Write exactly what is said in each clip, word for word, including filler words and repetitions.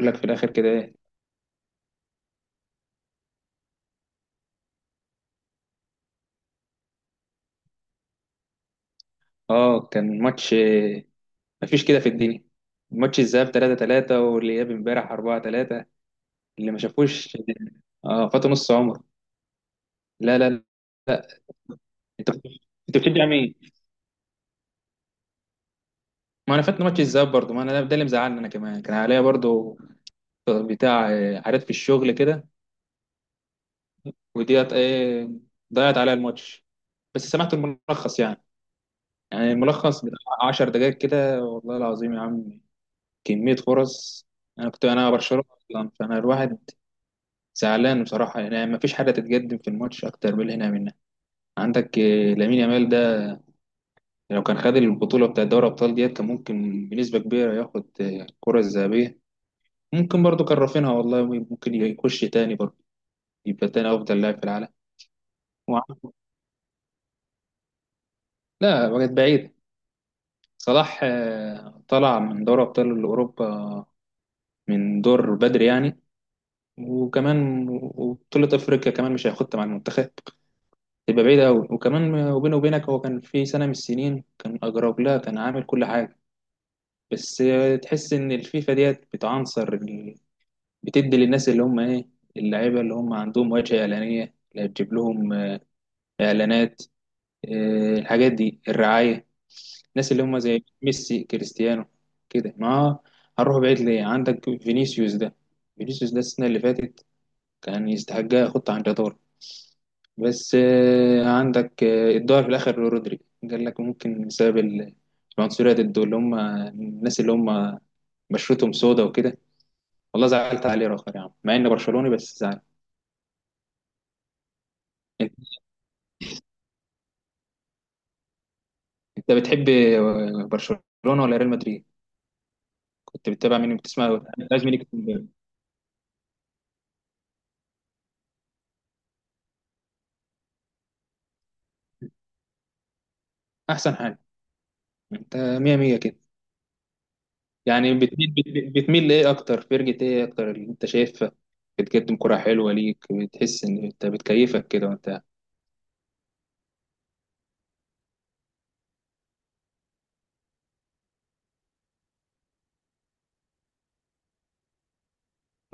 لك في الاخر كده ايه؟ اه كان ماتش، آه، مفيش كده في الدنيا. ماتش الذهاب ثلاثة ثلاثة والاياب امبارح أربعة ثلاثة، اللي ما شافوش اه فاتوا نص عمر. لا لا لا. انت انت بتشجع مين؟ ما انا فاتني ماتش الذهاب برضه، ما انا ده اللي مزعلني، انا كمان كان عليا برضه بتاع آه، حاجات في الشغل كده. وديت ايه، ضيعت عليا الماتش. بس سمعت الملخص يعني. يعني الملخص بتاع 10 دقائق كده، والله العظيم يا عم، كمية فرص. انا كنت انا برشلونة اصلا، فانا الواحد زعلان بصراحة. يعني ما فيش حاجة تتقدم في الماتش أكتر من اللي هنا منها. عندك آه، لامين يامال ده، لو كان خد البطولة بتاع دوري الأبطال ديت كان ممكن بنسبة كبيرة ياخد آه، الكرة الذهبية. ممكن برضه كان رافينها والله، ممكن يخش تاني برضه، يبقى تاني أفضل لاعب في العالم. وع- لا وقت بعيد. صلاح آه، طلع من دوري أبطال أوروبا من دور بدري يعني. وكمان وبطولة أفريقيا كمان مش هياخدها مع المنتخب، تبقى بعيدة أوي. وكمان وبينه وبينك، هو كان في سنة من السنين كان أجرب لها، كان عامل كل حاجة، بس. تحس إن الفيفا ديت بتعنصر ال- بتدي للناس اللي هم إيه، اللعيبة اللي هم عندهم واجهة إعلانية اللي هتجيب لهم إعلانات، آه، الحاجات دي، الرعاية. الناس اللي هم زي ميسي، كريستيانو. كده، ما هنروح بعيد ليه، عندك فينيسيوس ده. فينيسيوس ده السنة اللي فاتت كان يستحق يحط عن جدار، بس. آه، عندك آه، الظهر في الاخر رودري، قال لك ممكن بسبب ال- العنصريه ضده، اللي هم الناس اللي هم بشرتهم سودا وكده. والله زعلت عليه راخر يا عم، مع اني برشلوني بس زعلت. انت، أنت بتحب آه، برشلونه ولا ريال مدريد؟ كنت بتتابع مين، بتسمع لازم ليك؟ احسن حاجه، انت مية مية كده. يعني بتميل، بت- بتميل لايه اكتر؟ فرقة ايه اكتر اللي انت شايفها بتقدم كرة حلوة ليك، بتحس ان انت بتكيفك كده وانت؟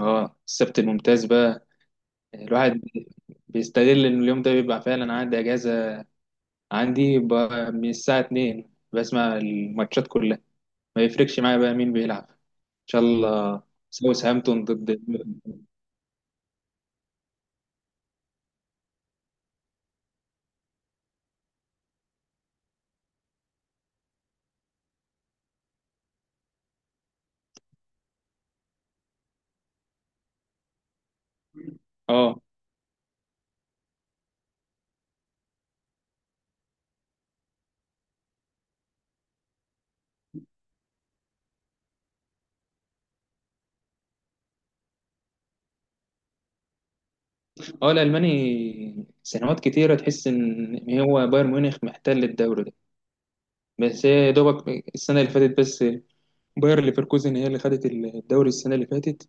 اه السبت الممتاز بقى، الواحد بيستغل ان اليوم ده بيبقى فعلا عندي اجازة، عندي بقى من الساعة اتنين بسمع الماتشات كلها، ما يفرقش معايا بقى مين بيلعب، ان شاء الله. ساوثهامبتون ضد. اه اه الالماني سنوات كتيره تحس ان هو بايرن ميونخ محتل الدوري ده، بس هي يا دوبك السنه اللي فاتت بس، باير ليفركوزن هي اللي خدت الدوري السنه اللي فاتت،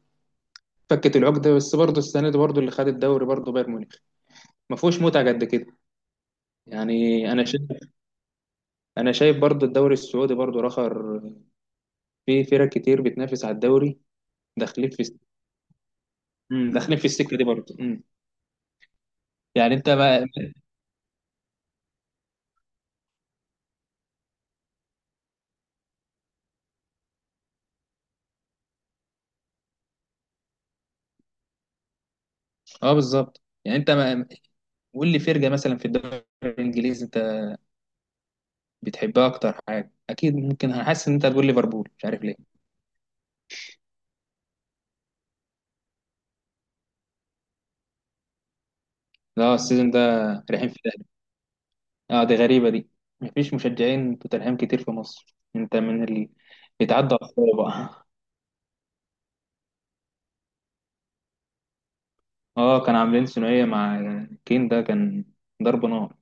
فكت العقده. بس برضه السنه دي برضه اللي خد الدوري برضه بايرن ميونخ، ما فيهوش متعه قد كده يعني. انا شايف انا شايف برضه الدوري السعودي برضه رخر، في فرق كتير بتنافس على الدوري، داخلين في، مم، داخلين في السكه دي برضه. مم. يعني انت بقى، اه بالظبط، يعني انت ما، قول لي فرقه مثلا في الدوري الانجليزي انت بتحبها اكتر حاجه، اكيد ممكن هحس ان انت هتقول ليفربول، مش عارف ليه. لا السيزون ده رايحين في، اه دي غريبة دي، مفيش مشجعين توتنهام كتير في مصر، انت من اللي بيتعدى على بقى. اه كان عاملين ثنائية مع كين، ده كان ضرب نار.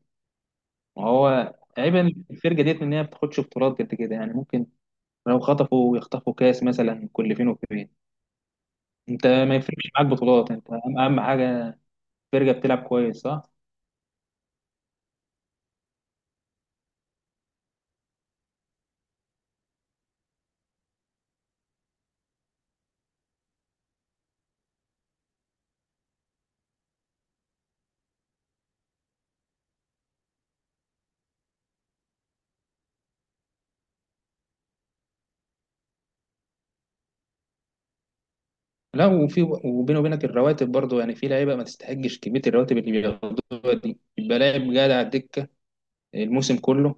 وهو عيب الفرقة ديت ان هي ما بتاخدش بطولات قد كده، يعني ممكن لو خطفوا يخطفوا كاس مثلا كل فين وفين. انت ما يفرقش معاك بطولات، انت اهم أهم حاجة فرقة بتلعب كويس، صح؟ لا وفي وبيني وبينك الرواتب برضه، يعني في لعيبه ما تستحقش كميه الرواتب اللي بياخدوها دي، يبقى لاعب قاعد على الدكه الموسم كله،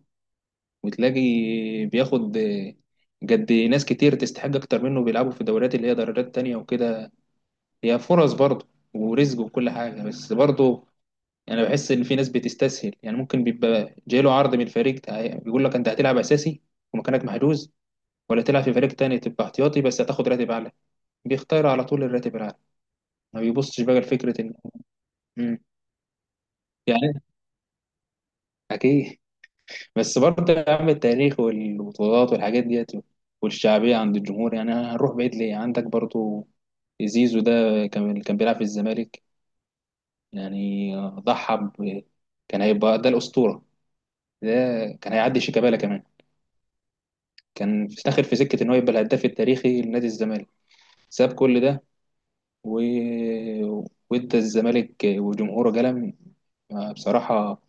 وتلاقي بياخد جد. ناس كتير تستحق أكتر منه بيلعبوا في دوريات اللي هي دوريات تانية وكده، هي فرص برضه ورزق وكل حاجة، بس برضه أنا بحس إن في ناس بتستسهل، يعني ممكن بيبقى جايله عرض من فريق، تع- بيقول لك أنت هتلعب أساسي ومكانك محجوز، ولا تلعب في فريق تاني تبقى احتياطي بس هتاخد راتب أعلى، بيختار على طول الراتب الأعلى، ما بيبصش بقى لفكرة إن. مم. يعني أكيد، بس برضه يا عم التاريخ والبطولات والحاجات ديت والشعبية عند الجمهور، يعني هنروح بعيد ليه، عندك برضه زيزو ده كان كان بيلعب في الزمالك، يعني ضحى ب- كان هيبقى ده الأسطورة ده، كان هيعدي شيكابالا كمان، كان داخل في سكة إن هو يبقى الهداف التاريخي لنادي الزمالك، ساب كل ده و... وإدى الزمالك وجمهوره قلم بصراحة،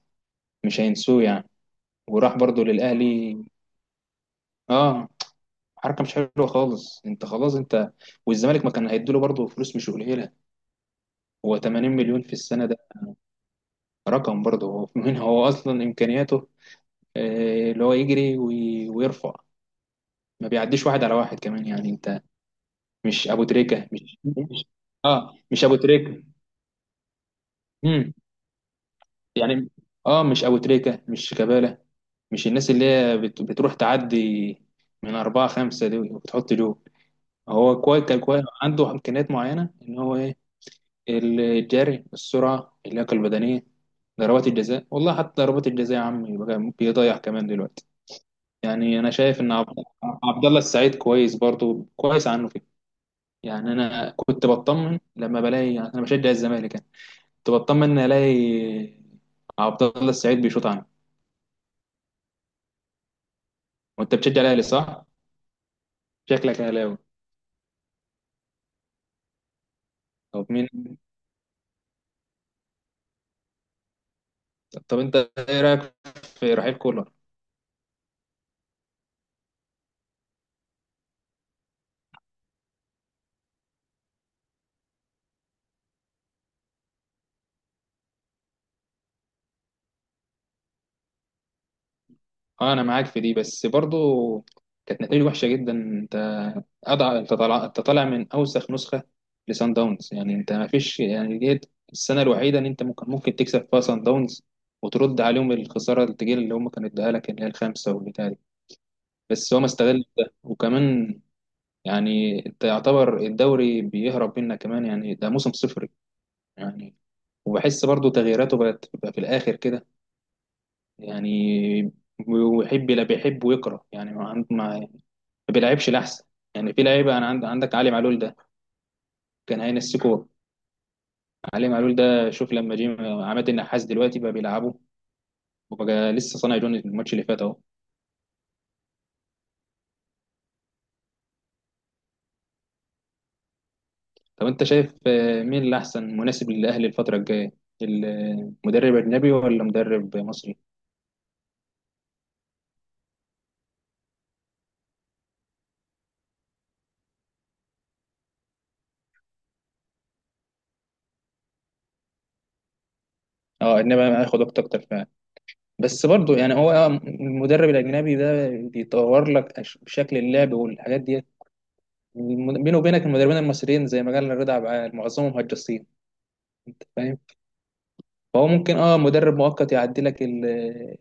مش هينسوه يعني. وراح برضه للأهلي، اه، حركه مش حلوه خالص، انت خلاص انت، والزمالك ما كان هيديله برضه فلوس مش قليله، هو تمانين مليون في السنه ده، رقم برضه هو. من هو اصلا امكانياته آه، اللي هو يجري وي- ويرفع، ما بيعديش واحد على واحد كمان، يعني انت مش ابو تريكه، مش مش، اه مش ابو تريكه. امم يعني اه مش ابو تريكه، مش شيكابالا، مش الناس اللي هي بت- بتروح تعدي من أربعة خمسة دي وبتحط جول. هو كويس، كان كويس، عنده إمكانيات معينة إن هو إيه، الجري، السرعة، اللياقة البدنية، ضربات الجزاء، والله حتى ضربات الجزاء يا عم بقى بيضيع كمان دلوقتي. يعني انا شايف ان عبد عبد الله السعيد كويس برضو، كويس عنه كده. يعني انا كنت بطمن لما بلاقي، يعني انا بشجع الزمالك يعني، كنت بطمن ان الاقي عبد الله السعيد بيشوط عنه. وانت بتشجع الاهلي، صح؟ شكلك اهلاوي. طب مين، طب انت ايه رايك في رحيل كولر؟ اه انا معاك في دي، بس برضو كانت نتيجة وحشة جدا، انت اضع، انت طالع انت طالع من اوسخ نسخة لسان داونز، يعني انت ما فيش يعني ديت السنة الوحيدة ان انت ممكن، ممكن تكسب فيها سان داونز وترد عليهم الخسارة التجيل اللي هم كانوا اداها لك اللي هي الخامسة والبتاع دي، بس هو ما استغل ده وكمان. يعني انت يعتبر الدوري بيهرب منك كمان، يعني ده موسم صفري يعني. وبحس برضو تغييراته بقت بقى في الاخر كده يعني، ويحب، لا بيحب ويكره يعني، ما عنده، ما بيلعبش الاحسن. يعني في لعيبه انا عند عندك علي معلول ده، كان هينسكوه. علي معلول ده شوف لما جه عماد النحاس دلوقتي بقى بيلعبه، وبقى لسه صانع جون الماتش اللي فات اهو. طب انت شايف آه، مين اللي احسن مناسب للاهلي الفتره الجايه؟ المدرب اجنبي ولا مدرب مصري؟ اه اجنبي هياخد وقت اكتر فعلا، بس برضه يعني هو آه، المدرب الاجنبي ده بيطور لك أش- شكل اللعب والحاجات ديت. الم- بينه وبينك المدربين المصريين زي ما قال رضا عبد العال معظمهم هجاصين، فاهم. فهو ممكن اه مدرب مؤقت يعدي لك ال-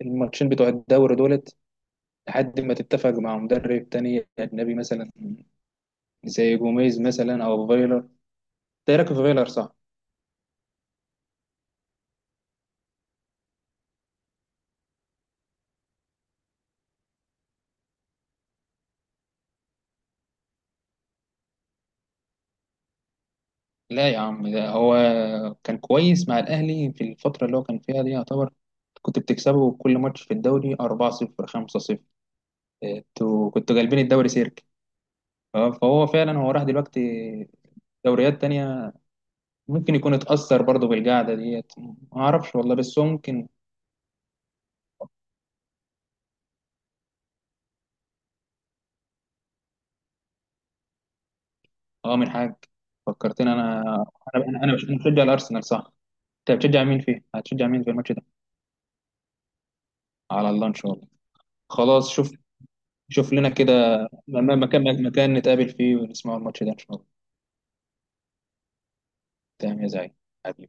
الماتشين بتوع الدوري دولت، لحد ما تتفق مع مدرب تاني اجنبي مثلا، زي جوميز مثلا او فايلر. ده راكب فايلر، صح؟ لا يا عم ده هو كان كويس مع الاهلي في الفتره اللي هو كان فيها دي يعتبر، كنت بتكسبه كل ماتش في الدوري أربعة صفر، خمسة صفر، انتوا كنتوا جالبين الدوري سيرك. آه، فهو فعلا هو راح دلوقتي دوريات تانية، ممكن يكون اتأثر برضه بالقعدة ديت، ما أعرفش والله، بس هو ممكن اه من حاج. فكرتني انا، انا انا انا مش- أنا بشجع الارسنال، صح؟ انت بتشجع مين فيه، هتشجع مين في الماتش ده؟ على الله ان شاء الله. خلاص شوف، شوف لنا كده، م- م- مكان مكان نتقابل فيه ونسمع الماتش ده ان شاء الله. تمام يا زعيم، حبيبي.